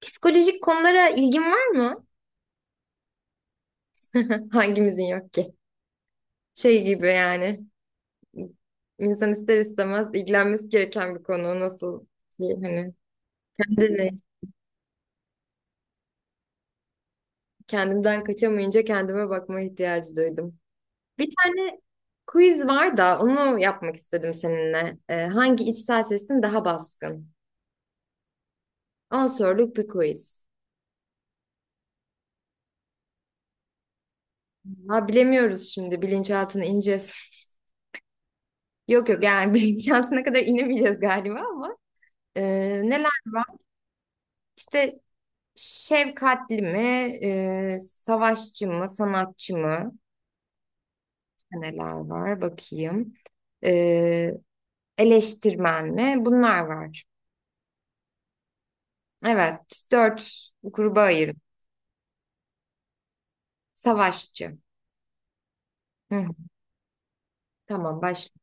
Psikolojik konulara ilgin var mı? Hangimizin yok ki? Şey gibi yani. İnsan ister istemez ilgilenmesi gereken bir konu. Nasıl ki hani kendine, kendimden kaçamayınca kendime bakma ihtiyacı duydum. Bir tane quiz var da onu yapmak istedim seninle. Hangi içsel sesin daha baskın? 10 soruluk bir quiz. Ha bilemiyoruz şimdi bilinçaltına ineceğiz. Yok yok yani bilinçaltına kadar inemeyeceğiz galiba ama. Neler var? İşte şefkatli mi, savaşçı mı, sanatçı mı? İşte neler var bakayım. E, Eleştirmen mi? Bunlar var. Evet, dört gruba ayırın. Savaşçı. Hı, tamam başla.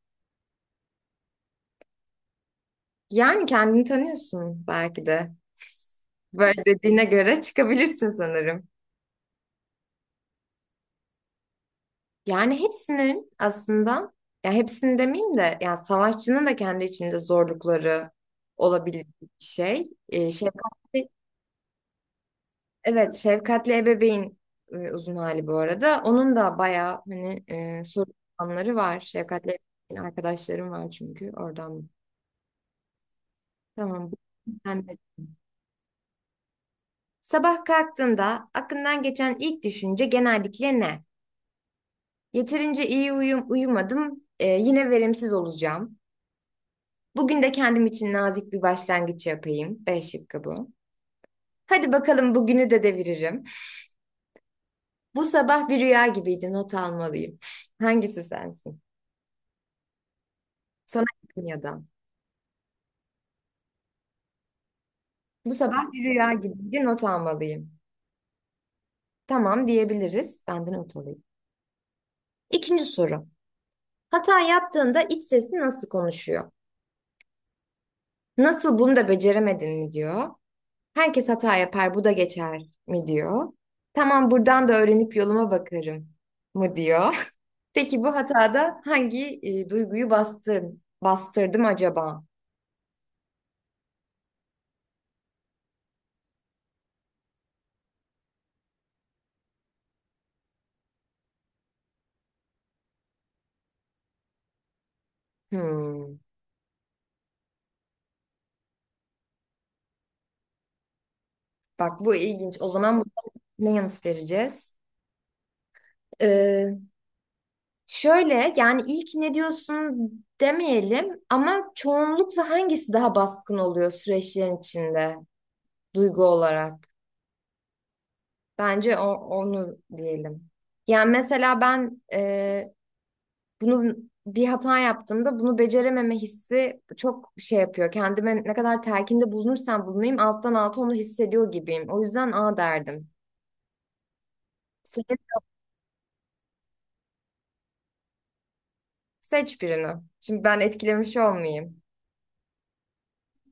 Yani kendini tanıyorsun belki de. Böyle dediğine göre çıkabilirsin sanırım. Yani hepsinin aslında, ya hepsini demeyeyim de, ya savaşçının da kendi içinde zorlukları olabilecek bir şey. Şefkatli. Evet, şefkatli ebeveyn, uzun hali bu arada. Onun da bayağı hani, sorunları var. Şefkatli ebeveyn arkadaşlarım var çünkü oradan. Tamam. Ben de. Sabah kalktığında aklından geçen ilk düşünce genellikle ne? Yeterince iyi uyumadım. Yine verimsiz olacağım. Bugün de kendim için nazik bir başlangıç yapayım. B şıkkı bu. Hadi bakalım bugünü de deviririm. Bu sabah bir rüya gibiydi. Not almalıyım. Hangisi sensin? Sana yakın ya da. Bu sabah bir rüya gibiydi, not almalıyım. Tamam diyebiliriz. Ben de not alayım. İkinci soru. Hata yaptığında iç sesi nasıl konuşuyor? Nasıl bunu da beceremedin mi diyor. Herkes hata yapar, bu da geçer mi diyor. Tamam buradan da öğrenip yoluma bakarım mı diyor. Peki bu hatada hangi duyguyu bastırdım acaba? Hmm. Bak bu ilginç. O zaman bu ne yanıt vereceğiz? Ee, Şöyle yani ilk ne diyorsun demeyelim ama çoğunlukla hangisi daha baskın oluyor süreçlerin içinde duygu olarak? Bence onu diyelim. Yani mesela ben bunu bir hata yaptığımda bunu becerememe hissi çok şey yapıyor. Kendime ne kadar telkinde bulunursam bulunayım alttan alta onu hissediyor gibiyim. O yüzden A derdim. Seç, Seç birini. Şimdi ben etkilemiş olmayayım.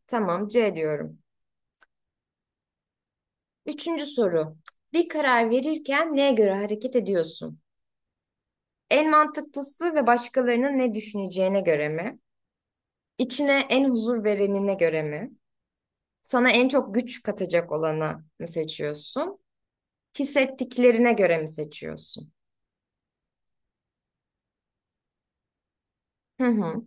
Tamam C diyorum. Üçüncü soru. Bir karar verirken neye göre hareket ediyorsun? En mantıklısı ve başkalarının ne düşüneceğine göre mi? İçine en huzur verenine göre mi? Sana en çok güç katacak olana mı seçiyorsun? Hissettiklerine göre mi seçiyorsun? Hı hı.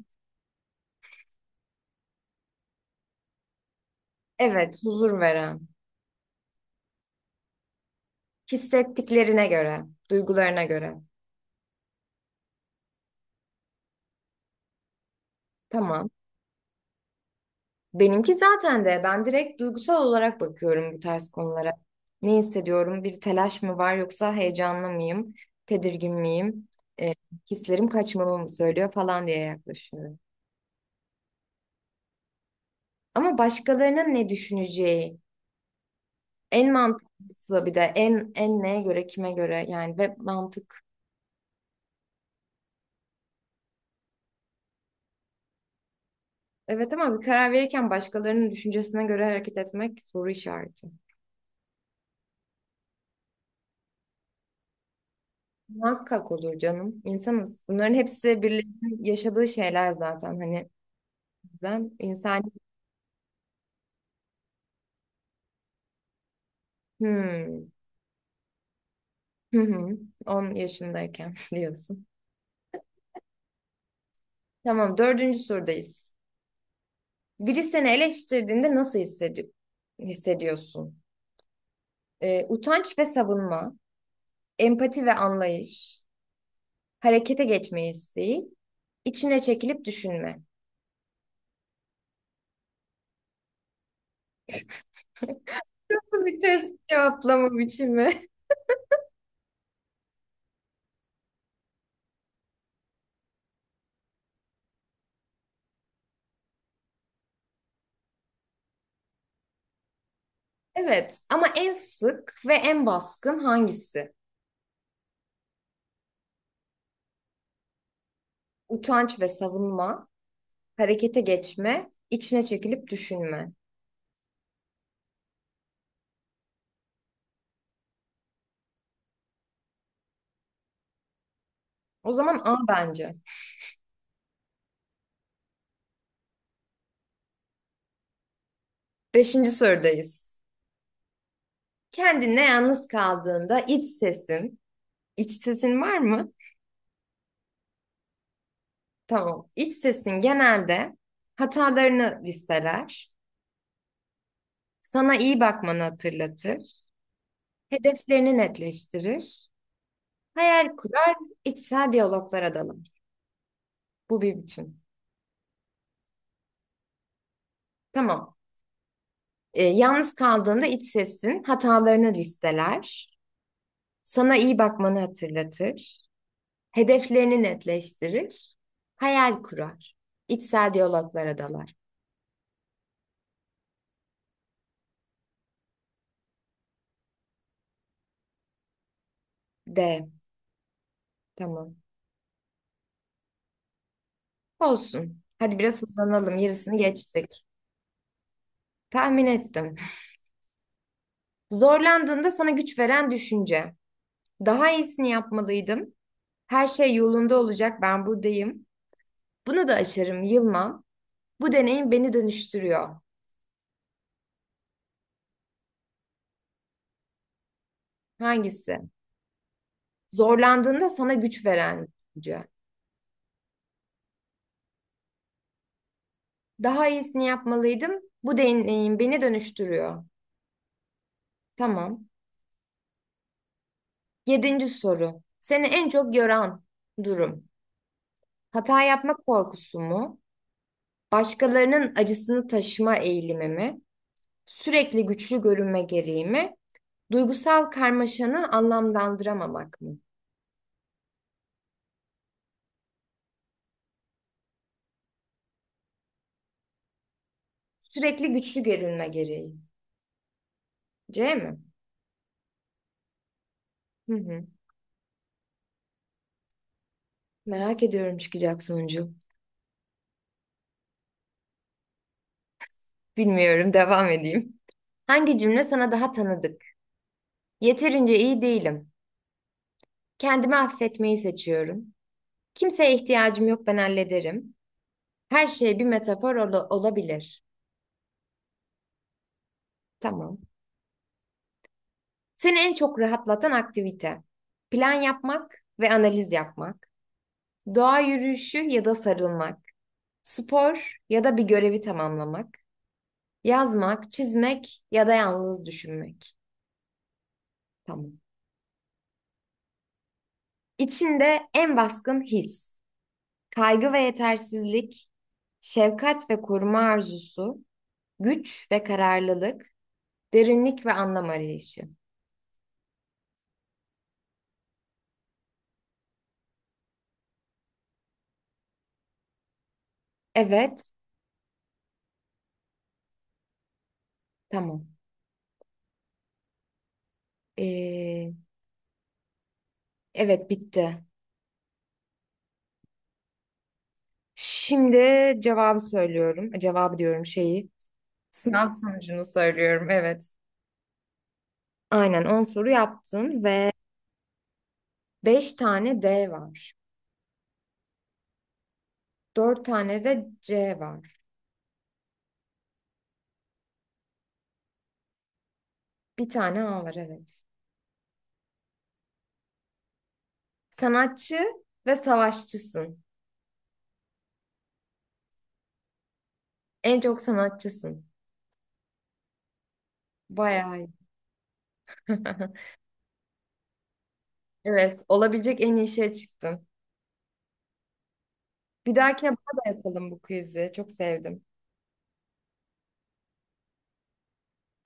Evet, huzur veren. Hissettiklerine göre, duygularına göre. Tamam. Benimki zaten de ben direkt duygusal olarak bakıyorum bu tarz konulara. Ne hissediyorum? Bir telaş mı var yoksa heyecanlı mıyım? Tedirgin miyim? E, Hislerim kaçmamı mı söylüyor falan diye yaklaşıyorum. Ama başkalarının ne düşüneceği en mantıklısı bir de en neye göre kime göre yani ve mantık. Evet ama bir karar verirken başkalarının düşüncesine göre hareket etmek soru işareti. Muhakkak olur canım. İnsanız. Bunların hepsi birlikte yaşadığı şeyler zaten. Hani bizden insan. Hmm. Hı hı. 10 yaşındayken diyorsun. Tamam, dördüncü sorudayız. Biri seni eleştirdiğinde nasıl hissediyorsun? Utanç ve savunma, empati ve anlayış, harekete geçme isteği, içine çekilip düşünme. Nasıl bir test cevaplama biçimi? Evet, ama en sık ve en baskın hangisi? Utanç ve savunma, harekete geçme, içine çekilip düşünme. O zaman A bence. Beşinci sorudayız. Kendinle yalnız kaldığında iç sesin var mı? Tamam. İç sesin genelde hatalarını listeler, sana iyi bakmanı hatırlatır, hedeflerini netleştirir, hayal kurar, içsel diyaloglara dalar. Bu bir bütün. Tamam. Yalnız kaldığında iç sesin hatalarını listeler, sana iyi bakmanı hatırlatır, hedeflerini netleştirir, hayal kurar, içsel diyaloglara dalar. D. Tamam. Olsun. Hadi biraz hızlanalım. Yarısını geçtik. Tahmin ettim. Zorlandığında sana güç veren düşünce. Daha iyisini yapmalıydım. Her şey yolunda olacak. Ben buradayım. Bunu da aşarım, yılmam. Bu deneyim beni dönüştürüyor. Hangisi? Zorlandığında sana güç veren düşünce. Daha iyisini yapmalıydım. Bu deneyim beni dönüştürüyor. Tamam. Yedinci soru. Seni en çok yoran durum. Hata yapmak korkusu mu? Başkalarının acısını taşıma eğilimi mi, sürekli güçlü görünme gereği mi, duygusal karmaşanı anlamlandıramamak mı? Sürekli güçlü görünme gereği. C mi? Hı hı. Merak ediyorum çıkacak sonucu. Bilmiyorum, devam edeyim. Hangi cümle sana daha tanıdık? Yeterince iyi değilim. Kendimi affetmeyi seçiyorum. Kimseye ihtiyacım yok, ben hallederim. Her şey bir metafor olabilir. Tamam. Seni en çok rahatlatan aktivite. Plan yapmak ve analiz yapmak. Doğa yürüyüşü ya da sarılmak. Spor ya da bir görevi tamamlamak. Yazmak, çizmek ya da yalnız düşünmek. Tamam. İçinde en baskın his. Kaygı ve yetersizlik. Şefkat ve koruma arzusu. Güç ve kararlılık. Derinlik ve anlam arayışı. Evet, tamam. Ee, evet, bitti. Şimdi cevabı söylüyorum. Cevabı diyorum şeyi. Sınav sonucunu söylüyorum. Evet. Aynen 10 soru yaptın ve 5 tane D var. Dört tane de C var. Bir tane A var, evet. Sanatçı ve savaşçısın. En çok sanatçısın. Bayağı iyi. Evet, olabilecek en iyi şeye çıktın. Bir dahakine bana da yapalım bu quiz'i. Çok sevdim.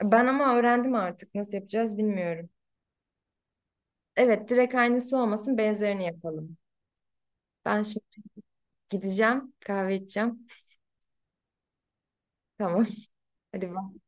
Ben ama öğrendim artık. Nasıl yapacağız bilmiyorum. Evet, direkt aynısı olmasın, benzerini yapalım. Ben şimdi gideceğim, kahve içeceğim. Tamam. Hadi bak.